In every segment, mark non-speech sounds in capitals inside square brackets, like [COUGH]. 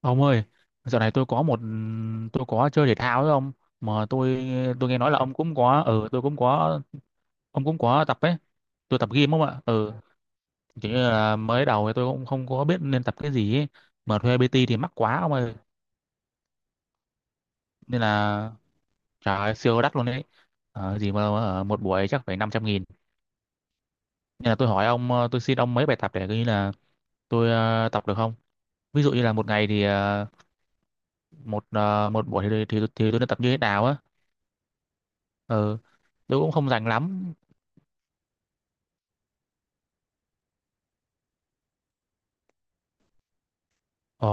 Ông ơi, dạo này tôi có một tôi có chơi thể thao với ông mà tôi nghe nói là ông cũng có tôi cũng có ông cũng có tập ấy. Tôi tập gym không ạ? Ừ, kiểu như là mới đầu thì tôi cũng không có biết nên tập cái gì ấy. Mà thuê PT thì mắc quá ông ơi. Nên là trời ơi, siêu đắt luôn đấy. Gì mà một buổi chắc phải 500.000. Nên là tôi hỏi ông tôi xin ông mấy bài tập để coi như là tôi tập được không? Ví dụ như là một ngày thì một một buổi thì tôi nên tập như thế nào á. Ừ, tôi cũng không rành lắm. Ồ,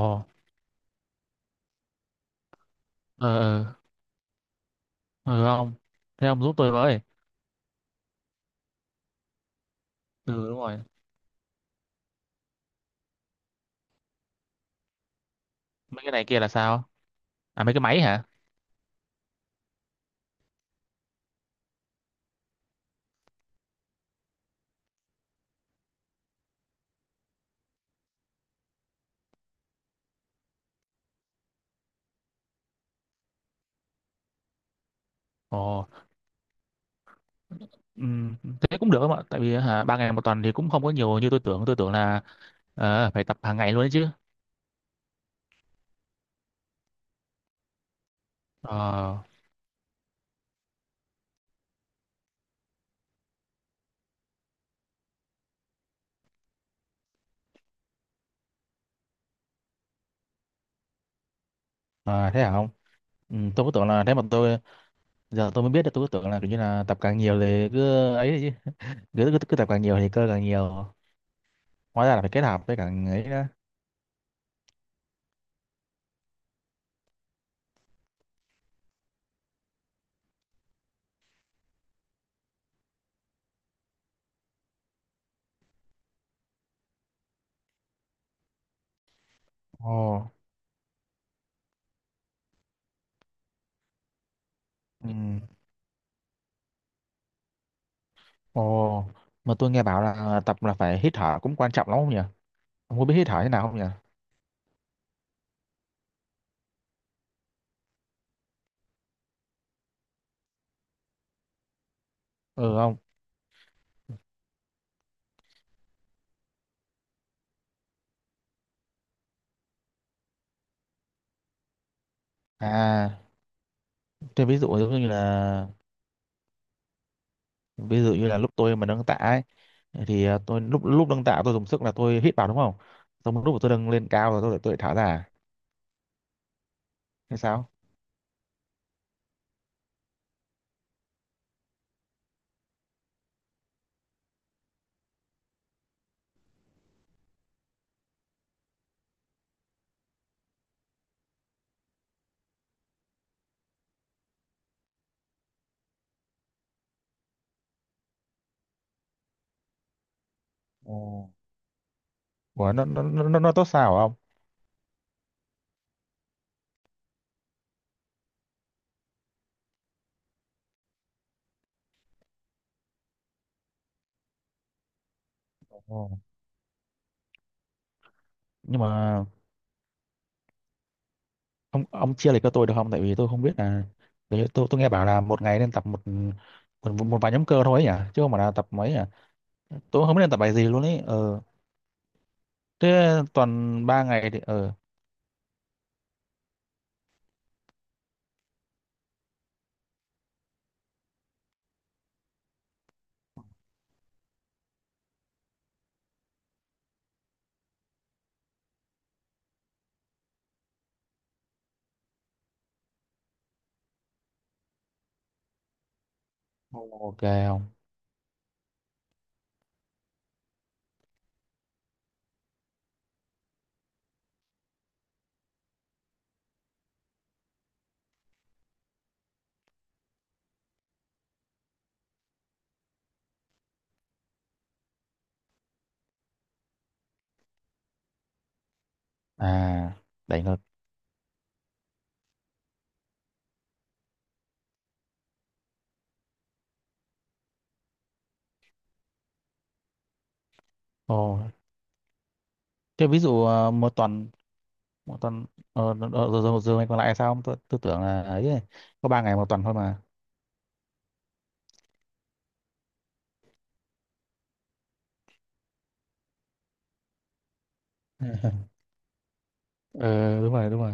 ờ, ờ, ừ, ông. Thế ông giúp tôi với. Ừ, đúng rồi. Mấy cái này kia là sao? À, mấy cái máy hả? Ồ, ừm, thế cũng được không ạ? Tại vì hả, ba ngày một tuần thì cũng không có nhiều như tôi tưởng. Tôi tưởng là phải tập hàng ngày luôn đấy chứ. Ờ, à, thế hả ông? Ừ, tôi cứ tưởng là thế mà tôi giờ tôi mới biết được, tôi cứ tưởng là kiểu như là tập càng nhiều thì cứ ấy chứ, cứ tập càng nhiều thì cơ càng nhiều. Hóa ra là phải kết hợp với càng ấy đó. Ồ. Ừ. Ồ, mà tôi nghe bảo là tập là phải hít thở cũng quan trọng lắm không nhỉ? Ông có biết hít thở thế nào không nhỉ? Ừ không. À, tôi ví dụ giống như là ví dụ như là lúc tôi mà nâng tạ ấy thì tôi lúc lúc nâng tạ tôi dùng sức là tôi hít vào đúng không? Xong lúc mà tôi nâng lên cao rồi tôi lại thả ra. Thế sao? Ồ, ủa, nó tốt sao hả ông? Ồ. Nhưng mà ông chia lại cho tôi được không? Tại vì tôi không biết là đấy, tôi nghe bảo là một ngày nên tập một một vài nhóm cơ thôi ấy nhỉ, chứ không phải là tập mấy nhỉ. Tôi cũng không biết nên tập bài gì luôn ấy. Ờ, thế toàn ba ngày thì Ồ, ok không? À, đẩy thật. Ồ, thế ví dụ một tuần rồi rồi rồi rồi mày còn lại sao không, tôi, tôi tưởng là ấy ấy, có ba ngày một tuần thôi mà. [LAUGHS] Ờ đúng rồi đúng rồi.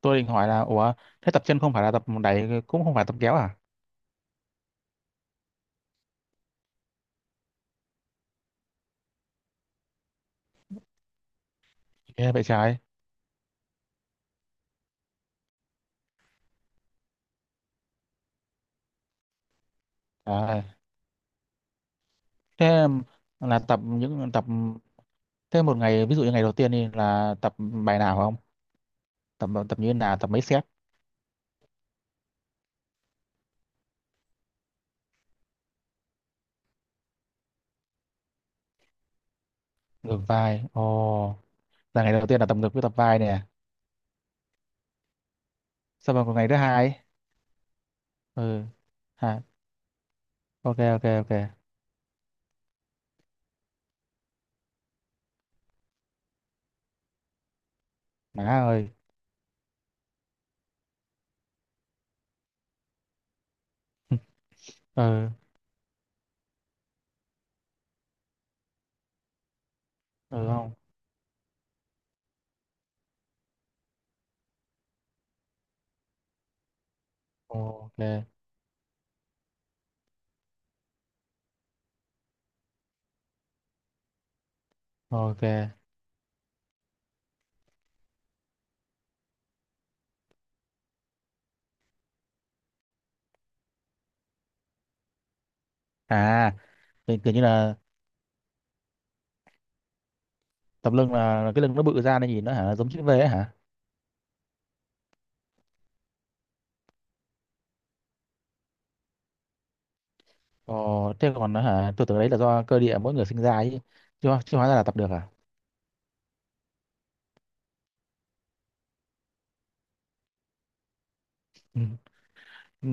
Tôi định hỏi là ủa, thế tập chân không phải là tập đẩy cũng không phải tập kéo à? Ghê vậy trái. À, thế là tập những tập thế một ngày ví dụ như ngày đầu tiên đi là tập bài nào không? Tập tập như thế nào, tập mấy set? Ngược vai. Ồ, là ngày đầu tiên là tập ngược với tập vai nè. Xong rồi còn ngày thứ hai ấy. Ừ, ha. Ok ok ok. Má ơi. [LAUGHS] Ừ. Ừ. Ừ. Không. Ok ok. À, thì kiểu như là tập lưng là cái lưng nó bự ra nên nhìn nó hả giống chữ V ấy hả? Ồ, thế còn nó hả, tôi tưởng đấy là do cơ địa mỗi người sinh ra ấy chứ hóa ra là tập được à? Ừ. Ừ.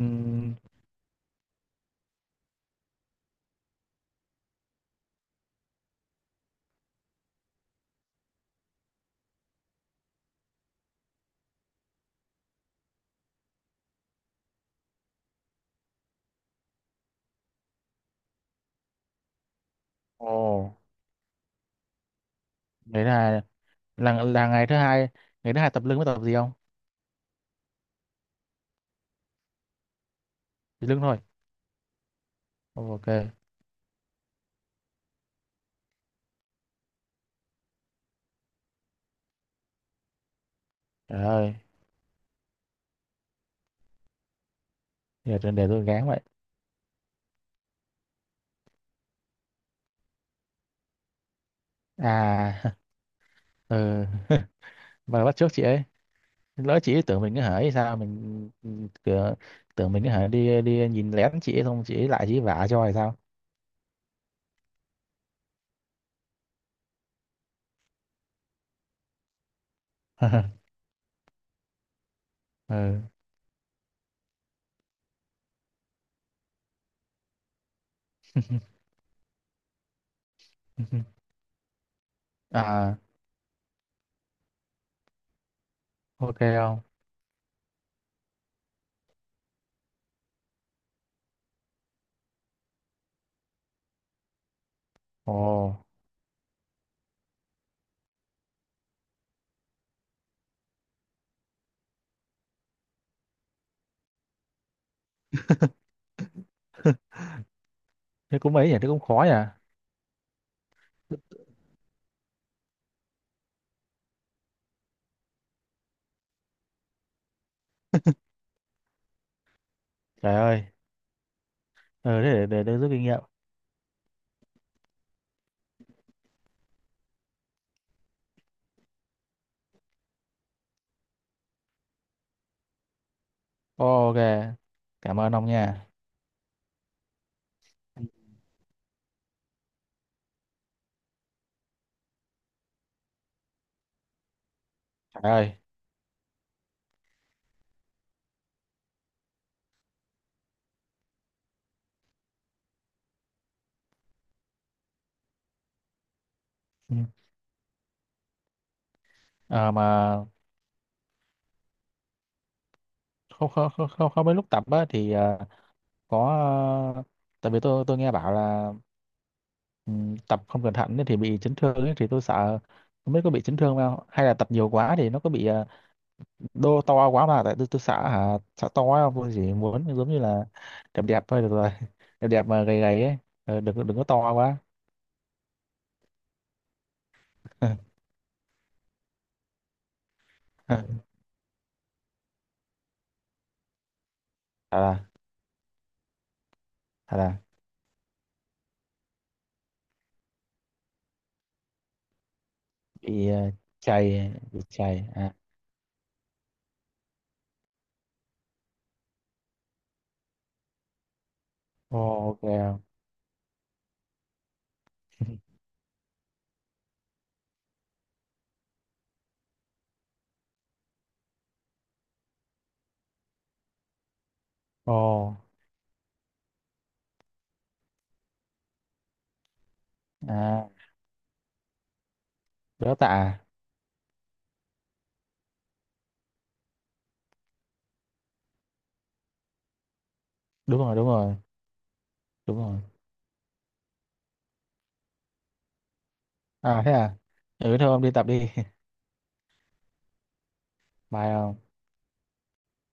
Ồ, đấy là là ngày thứ hai, ngày thứ hai tập lưng mới tập gì không? Thì lưng thôi. Ok. Trời ơi, để tôi gán vậy. À. [LAUGHS] Ừ, và bắt chước chị ấy. Lỡ chị ấy tưởng mình cứ hỏi hay sao, mình cửa, tưởng mình cứ hỏi đi đi nhìn lén chị ấy xong chị ấy lại chị ấy vả cho hay sao. [LAUGHS] Ừ. [LAUGHS] À, ok không. Ồ, thế cũng mấy nhỉ, thế cũng khó nhỉ. Trời ơi, ừ thế để tôi rút kinh nghiệm. Ồ, ok, cảm ơn ông nha. Trời ơi. Ừ. À, mà không không không không không mấy lúc tập á thì có, à, tại vì tôi nghe bảo là ừ, tập không cẩn thận ấy thì bị chấn thương ấy, thì tôi sợ không biết có bị chấn thương không, hay là tập nhiều quá thì nó có bị đô to quá mà tại tôi sợ hả sợ to quá, không tôi chỉ muốn giống như là đẹp đẹp thôi được rồi. [LAUGHS] Đẹp đẹp mà gầy gầy ấy. Ờ, đừng có- đừng có to quá. [LAUGHS] Thật là thật là bị chày bị chày à? Ồ, ok. Ồ. [LAUGHS] À, béo tạ. Đúng rồi đúng rồi đúng rồi. À thế à. Ừ thôi ông đi tập đi. [LAUGHS] Bye ông.